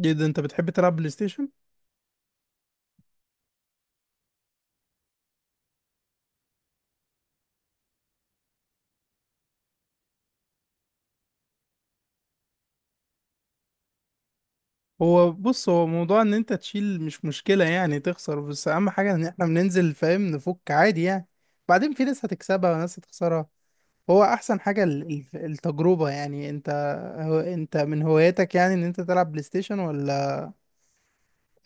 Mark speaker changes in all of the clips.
Speaker 1: جدا، انت بتحب تلعب بلاي ستيشن؟ هو بص، هو موضوع ان انت تشيل مش مشكلة، يعني تخسر، بس اهم حاجة ان احنا بننزل فاهم، نفك عادي يعني. بعدين في ناس هتكسبها وناس هتخسرها. هو احسن حاجة التجربة يعني انت. هو انت من هواياتك يعني ان انت تلعب بلاي ستيشن، ولا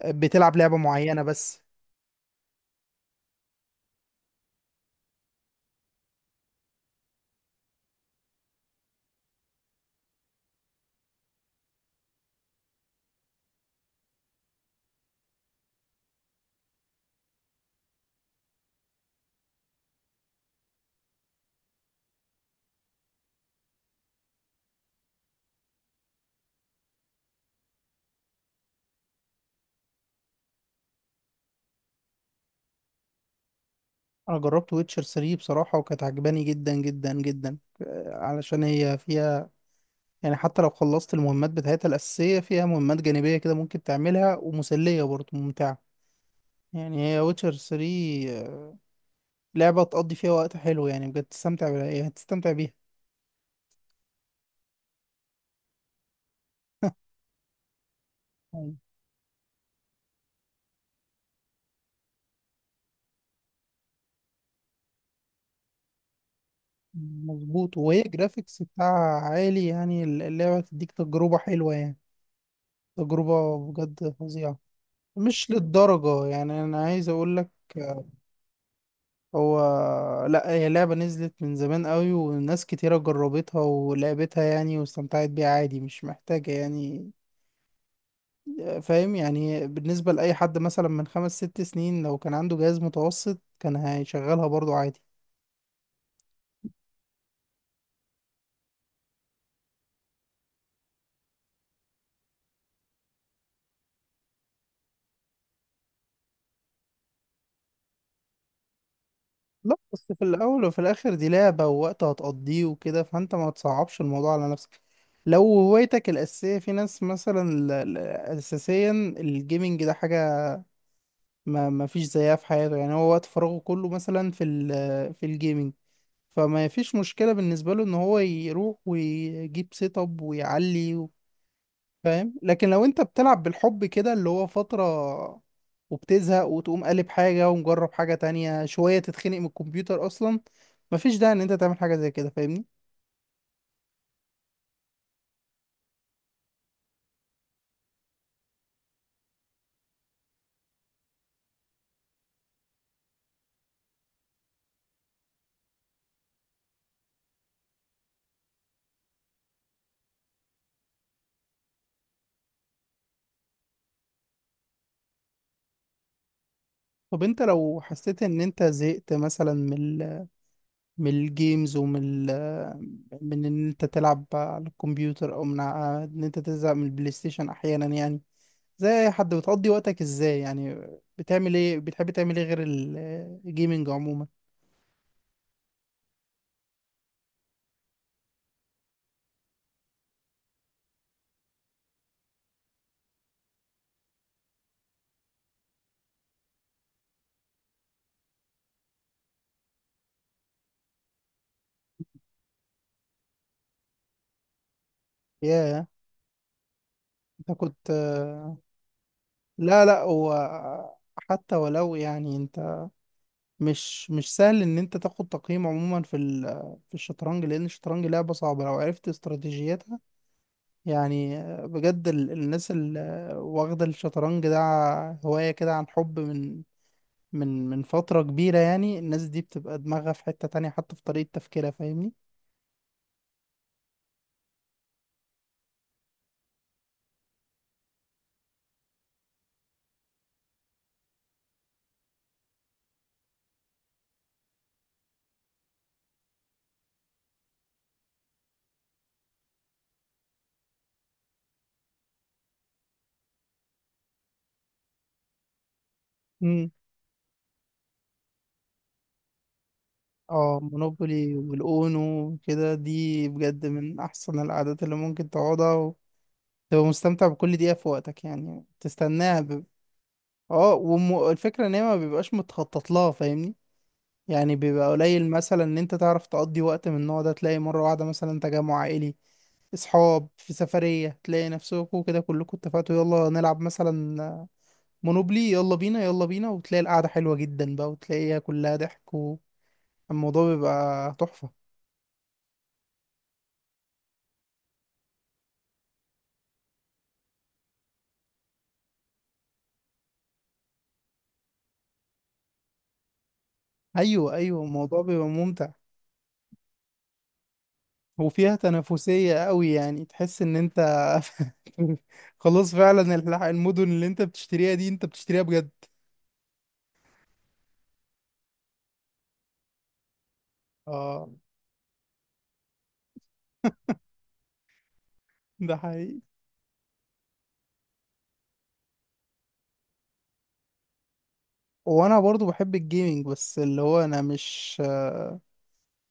Speaker 1: بتلعب لعبة معينة بس؟ انا جربت ويتشر 3 بصراحة وكانت عجباني جدا جدا جدا، علشان هي فيها يعني حتى لو خلصت المهمات بتاعتها الأساسية فيها مهمات جانبية كده ممكن تعملها ومسلية برضه ممتعة. يعني هي ويتشر 3 لعبة تقضي فيها وقت حلو يعني، بجد تستمتع بيها، يعني تستمتع بيها يعني. مظبوط، وهي جرافيكس بتاعها عالي يعني، اللعبة تديك تجربة حلوة يعني، تجربة بجد فظيعة. مش للدرجة يعني، أنا عايز أقول لك. هو لا، هي لعبة نزلت من زمان قوي وناس كتيرة جربتها ولعبتها يعني، واستمتعت بيها عادي، مش محتاجة يعني. فاهم يعني، بالنسبة لأي حد مثلا من خمس ست سنين لو كان عنده جهاز متوسط كان هيشغلها برضو عادي. لا بس في الأول وفي الآخر دي لعبة ووقت هتقضيه وكده، فأنت ما تصعبش الموضوع على نفسك. لو هوايتك الأساسية، في ناس مثلا أساسيا الجيمنج ده حاجة ما فيش زيها في حياته، يعني هو وقت فراغه كله مثلا في في الجيمنج. فما فيش مشكلة بالنسبة له إن هو يروح ويجيب سيت أب ويعلي فاهم. لكن لو انت بتلعب بالحب كده، اللي هو فترة وبتزهق وتقوم قالب حاجة ومجرب حاجة تانية، شوية تتخنق من الكمبيوتر أصلا، مفيش داعي إن أنت تعمل حاجة زي كده فاهمني؟ طب أنت لو حسيت إن أنت زهقت مثلا من ال من الجيمز ومن ال من إن أنت تلعب على الكمبيوتر، أو من إن أنت تزهق من البلاي ستيشن أحيانا يعني، زي أي حد، بتقضي وقتك إزاي يعني؟ بتعمل إيه؟ بتحب تعمل إيه غير الجيمنج عموما؟ ياه، أنت كنت... لا لا، هو حتى ولو يعني انت، مش مش سهل ان انت تاخد تقييم عموما في في الشطرنج، لان الشطرنج لعبة صعبة لو عرفت استراتيجيتها. يعني بجد الناس اللي واخدة الشطرنج ده هواية كده، عن حب من من فترة كبيرة، يعني الناس دي بتبقى دماغها في حتة تانية حتى في طريقة تفكيرها فاهمني؟ امم. اه، مونوبولي والاونو كده، دي بجد من احسن العادات اللي ممكن تقعدها. تبقى مستمتع بكل دقيقة في وقتك يعني، تستناها ب... اه، والفكرة ان هي ما بيبقاش متخطط لها فاهمني؟ يعني بيبقى قليل مثلا ان انت تعرف تقضي وقت من النوع ده، تلاقي مرة واحدة مثلا تجمع عائلي، اصحاب في سفرية، تلاقي نفسكوا كده كلكوا اتفقتوا يلا نلعب مثلا مونوبلي، يلا بينا يلا بينا، وتلاقي القعدة حلوة جدا بقى وتلاقيها كلها ضحك والموضوع بيبقى تحفة. ايوه ايوه، الموضوع بيبقى ممتع، وفيها تنافسية قوي يعني، تحس ان انت خلاص فعلا المدن اللي انت بتشتريها دي انت بتشتريها بجد. اه. ده حقيقي. وانا برضو بحب الجيمنج، بس اللي هو انا مش،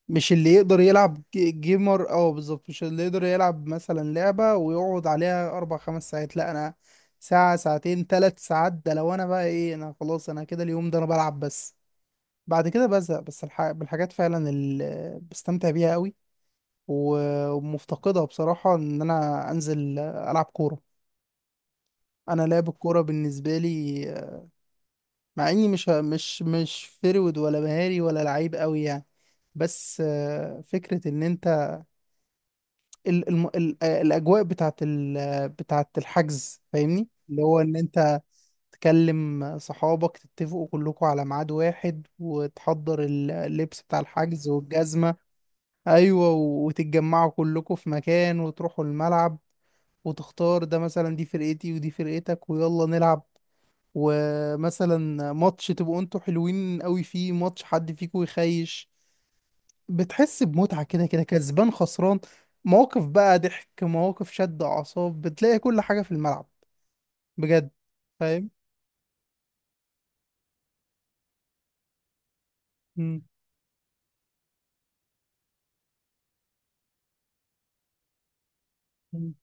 Speaker 1: مش اللي يقدر يلعب جيمر، اه بالظبط، مش اللي يقدر يلعب مثلا لعبة ويقعد عليها اربع خمس ساعات، لا انا ساعة ساعتين ثلاث ساعات، ده لو انا بقى، ايه انا خلاص، انا كده اليوم ده انا بلعب بس، بعد كده بزهق. بس بالحاجات فعلا اللي بستمتع بيها قوي و- ومفتقدها بصراحة، ان انا انزل العب كورة. انا لعب الكوره بالنسبه لي، مع اني مش فرود ولا مهاري ولا لعيب قوي يعني، بس فكره ان انت ال ال ال آه، الاجواء بتاعت بتاعت الحجز فاهمني، اللي هو ان انت تكلم صحابك تتفقوا كلكم على ميعاد واحد، وتحضر اللبس بتاع الحجز والجزمه. ايوه، وتتجمعوا كلكم في مكان وتروحوا الملعب، وتختار ده، مثلا دي فرقتي ودي فرقتك ويلا نلعب، ومثلا ماتش تبقوا انتوا حلوين قوي فيه، ماتش حد فيكم يخيش، بتحس بمتعة كده، كده كسبان خسران، مواقف بقى ضحك، مواقف شد أعصاب، بتلاقي كل حاجة في الملعب بجد فاهم. مم. مم.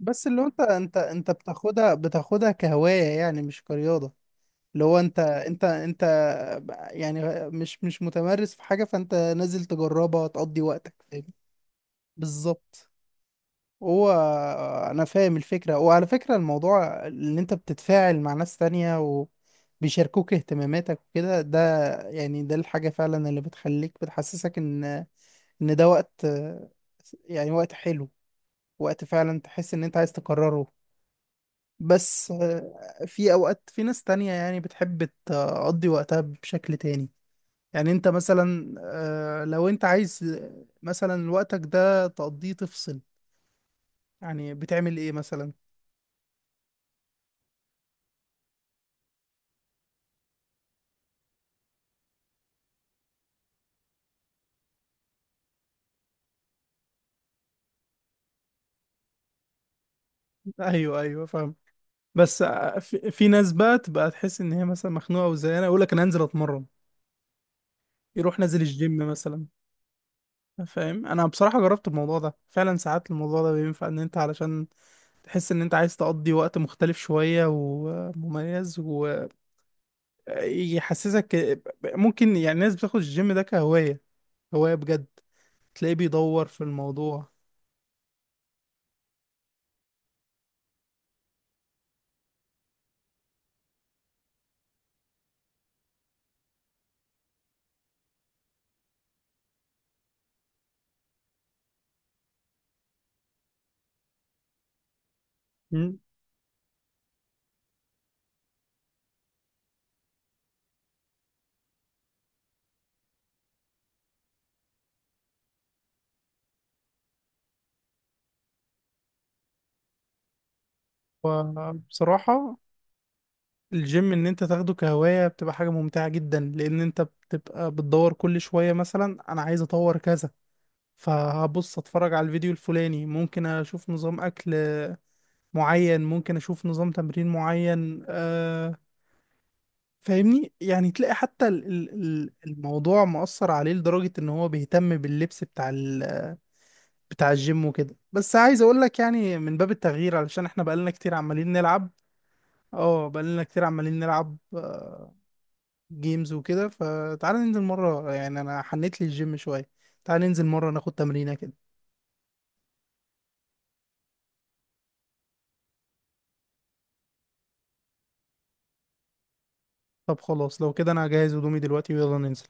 Speaker 1: بس اللي هو انت انت بتاخدها، بتاخدها كهواية يعني، مش كرياضة. اللي هو انت يعني مش مش متمرس في حاجة، فانت نازل تجربها تقضي وقتك فاهم؟ بالظبط. هو انا فاهم الفكره، وعلى فكره الموضوع ان انت بتتفاعل مع ناس تانية وبيشاركوك اهتماماتك وكده، ده يعني ده الحاجه فعلا اللي بتخليك، بتحسسك ان ده وقت، يعني وقت حلو، وقت فعلا تحس ان انت عايز تكرره. بس في اوقات في ناس تانية يعني بتحب تقضي وقتها بشكل تاني. يعني انت مثلا، لو انت عايز مثلا وقتك ده تقضيه تفصل، يعني بتعمل ايه مثلا؟ ايوه ايوه فاهم. بس في ناس بقى تبقى تحس ان هي مثلا مخنوقه، وزي انا يقول لك انا هنزل اتمرن، يروح نازل الجيم مثلا فاهم. انا بصراحه جربت الموضوع ده فعلا، ساعات الموضوع ده بينفع ان انت، علشان تحس ان انت عايز تقضي وقت مختلف شويه ومميز ويحسسك. ممكن يعني الناس بتاخد الجيم ده كهوايه، هوايه بجد، تلاقيه بيدور في الموضوع. مم. وبصراحه الجيم، ان انت تاخده كهواية بتبقى حاجة ممتعة جدا، لان انت بتبقى بتدور كل شوية، مثلا انا عايز اطور كذا، فهبص اتفرج على الفيديو الفلاني، ممكن اشوف نظام اكل معين، ممكن اشوف نظام تمرين معين آه، فاهمني؟ يعني تلاقي حتى الموضوع مؤثر عليه لدرجة ان هو بيهتم باللبس بتاع بتاع الجيم وكده. بس عايز اقول لك يعني من باب التغيير، علشان احنا بقالنا كتير عمالين نلعب، اه بقالنا كتير عمالين نلعب جيمز وكده، فتعال ننزل مرة يعني، أنا حنيت لي الجيم شوية، تعال ننزل مرة ناخد تمرينة كده. طب خلاص لو كده أنا هجهز هدومي دلوقتي ويلا ننزل.